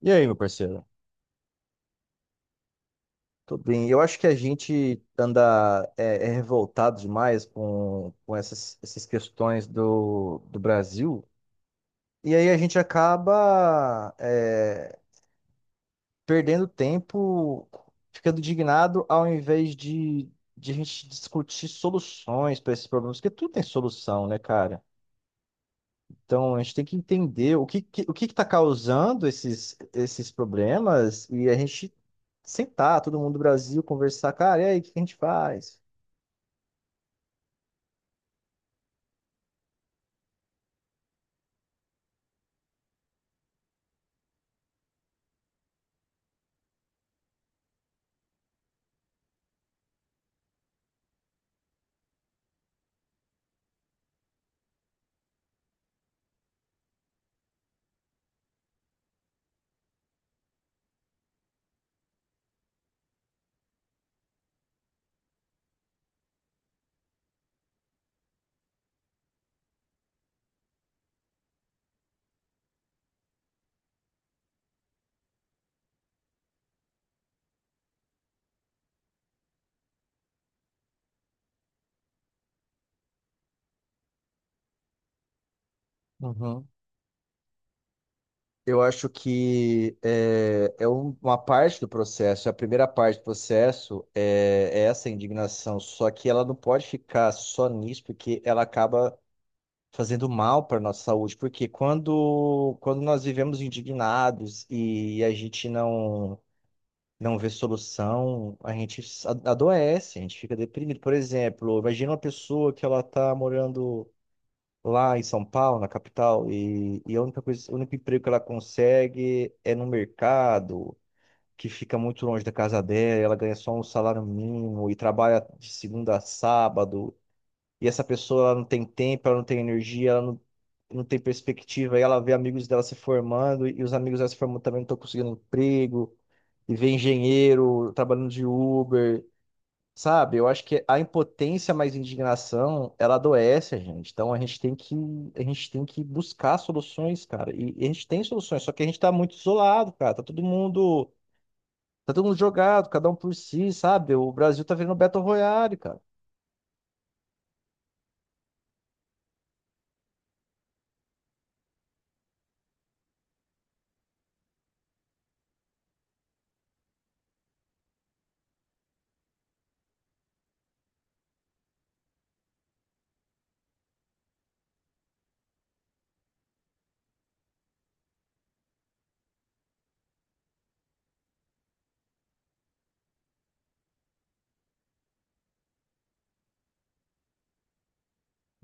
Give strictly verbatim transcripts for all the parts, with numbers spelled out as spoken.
E aí, meu parceiro? Tudo bem? Eu acho que a gente anda é, é revoltado demais com, com essas, essas questões do, do Brasil. E aí a gente acaba é, perdendo tempo, ficando indignado, ao invés de, de a gente discutir soluções para esses problemas, porque tudo tem solução, né, cara? Então, a gente tem que entender o que, que- o que está causando esses, esses problemas e a gente sentar, todo mundo do Brasil, conversar, cara, e aí, o que que a gente faz? Uhum. Eu acho que é, é um- uma parte do processo, a primeira parte do processo é, é essa indignação, só que ela não pode ficar só nisso, porque ela acaba fazendo mal para nossa saúde, porque quando, quando nós vivemos indignados e a gente não não vê solução, a gente a- adoece, a gente fica deprimido. Por exemplo, imagina uma pessoa que ela tá morando lá em São Paulo, na capital, e, e a única coisa, o único emprego que ela consegue é no mercado, que fica muito longe da casa dela, ela ganha só um salário mínimo e trabalha de segunda a sábado. E essa pessoa ela não tem tempo, ela não tem energia, ela não, não tem perspectiva. E ela vê amigos dela se formando e os amigos dela se formando também não estão conseguindo emprego e ver engenheiro trabalhando de Uber, sabe? Eu acho que a impotência mais indignação, ela adoece a gente. Então a gente tem que, a gente tem que buscar soluções, cara. E, e a gente tem soluções, só que a gente tá muito isolado, cara. Tá todo mundo, tá todo mundo jogado, cada um por si, sabe? O Brasil tá virando Battle Royale, cara.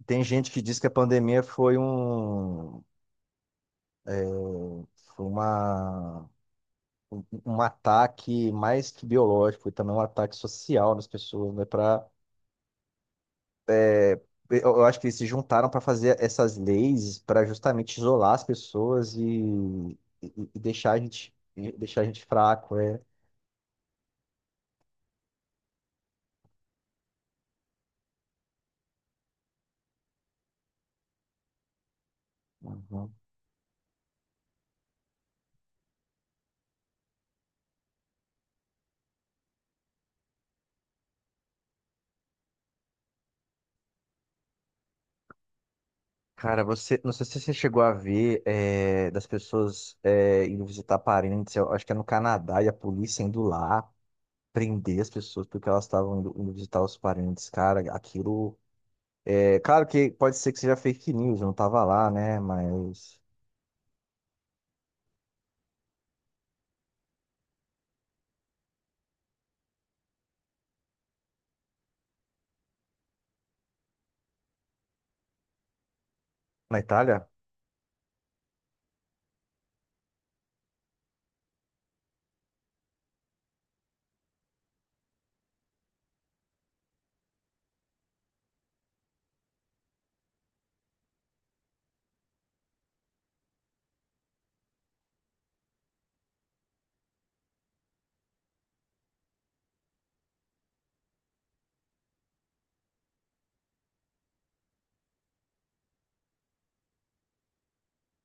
Tem gente que diz que a pandemia foi um, foi uma um um ataque mais que biológico, e também um ataque social nas pessoas, né, para eu eu acho que eles se juntaram para fazer essas leis para justamente isolar as pessoas e, e- e deixar a gente e deixar a gente fraco, é. Uhum. Cara, você, não sei se você chegou a ver é, das pessoas é, indo visitar parentes, eu acho que é no Canadá, e a polícia indo lá prender as pessoas porque elas estavam indo, indo visitar os parentes, cara, aquilo. É, claro que pode ser que seja fake news, eu não tava lá, né, mas. Na Itália?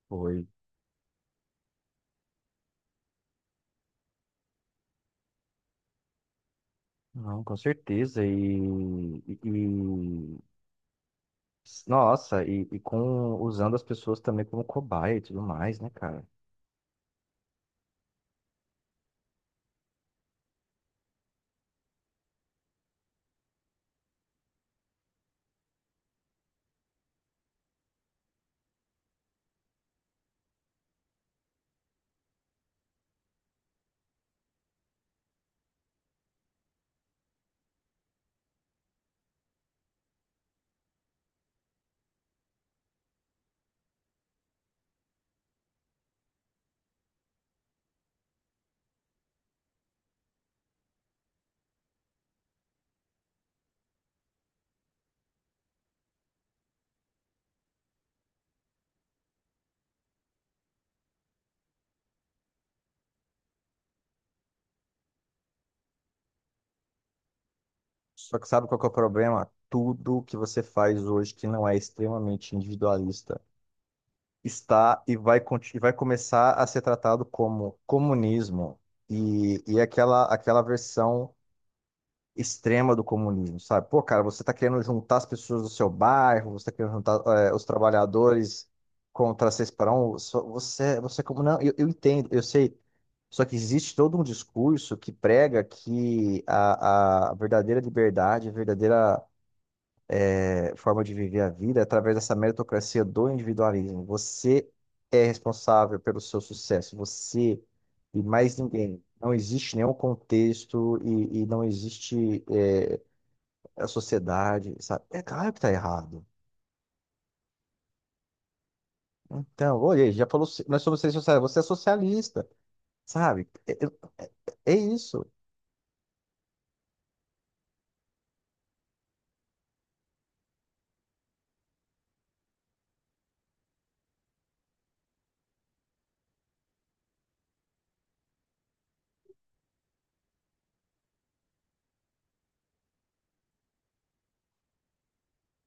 Foi. Não, com certeza. E, e- e- nossa, e, e com usando as pessoas também como cobaia e tudo mais, né, cara? Só que sabe qual que é o problema? Tudo que você faz hoje que não é extremamente individualista está e vai, conti- e vai começar a ser tratado como comunismo. E, e aquela, aquela versão extrema do comunismo, sabe? Pô, cara, você tá querendo juntar as pessoas do seu bairro, você tá querendo juntar é, os trabalhadores contra seis para um, só- você, você é como não, eu, eu entendo, eu sei, só que existe todo um discurso que prega que a, a verdadeira liberdade, a verdadeira é, forma de viver a vida é através dessa meritocracia do individualismo. Você é responsável pelo seu sucesso, você e mais ninguém. Não existe nenhum contexto e, e não existe eh, é a sociedade, sabe? É claro que tá errado. Então, olha, ele já falou, nós somos seres sociais, você é socialista, sabe? É, é isso.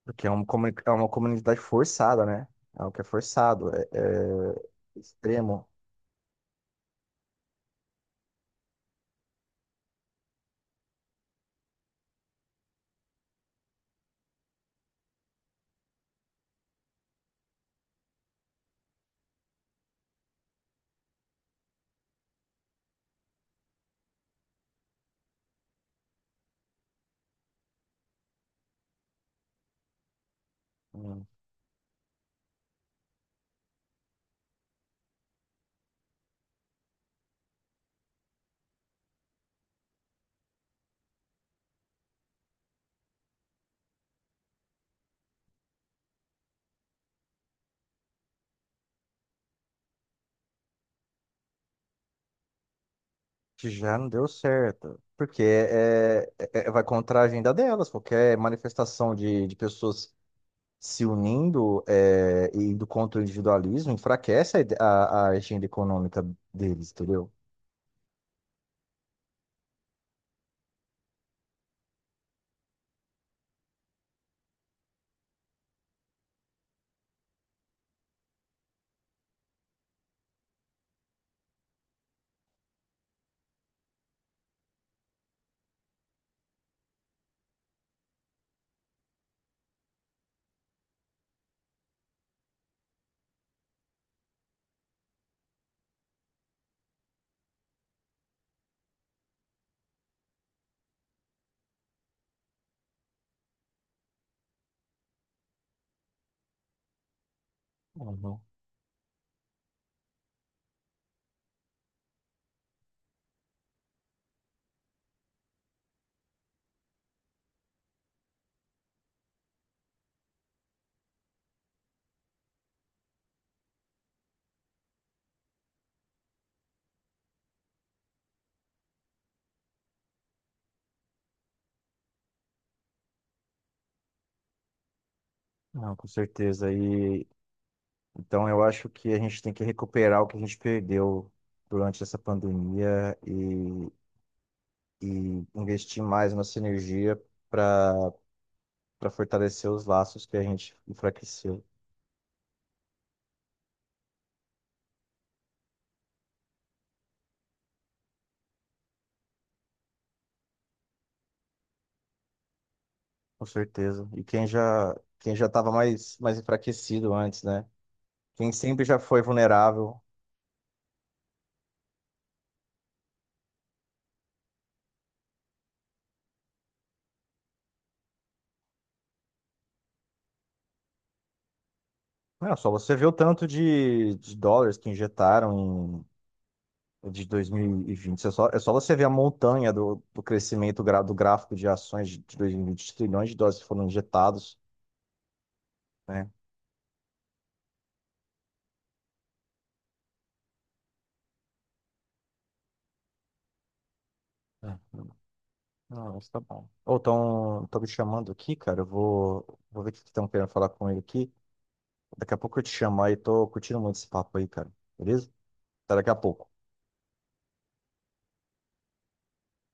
Porque é uma, comuni- é uma comunidade forçada, né? É algo que é forçado, é, é extremo, hum, que já não deu certo. Porque é, é- é- vai contra a agenda delas, qualquer manifestação de, de pessoas se unindo é, e indo contra o individualismo enfraquece a, ide- a- a agenda econômica deles, entendeu? Uhum. Não, com certeza. E então eu acho que a gente tem que recuperar o que a gente perdeu durante essa pandemia e, e investir mais nossa energia para para fortalecer os laços que a gente enfraqueceu. Com certeza. E quem já quem já estava mais mais enfraquecido antes, né? Quem sempre já foi vulnerável. Olha só, você vê o tanto de, de dólares que injetaram de dois mil e vinte. É só, é só você ver a montanha do, do crescimento gra- do gráfico de ações de dois mil e vinte, os trilhões de dólares que foram injetados, né? É. Não, isso tá bom. Ou estão me chamando aqui, cara. Eu vou, vou ver o que estão querendo falar com ele aqui. Daqui a pouco eu te chamo aí. Tô curtindo muito esse papo aí, cara. Beleza? Até daqui a pouco.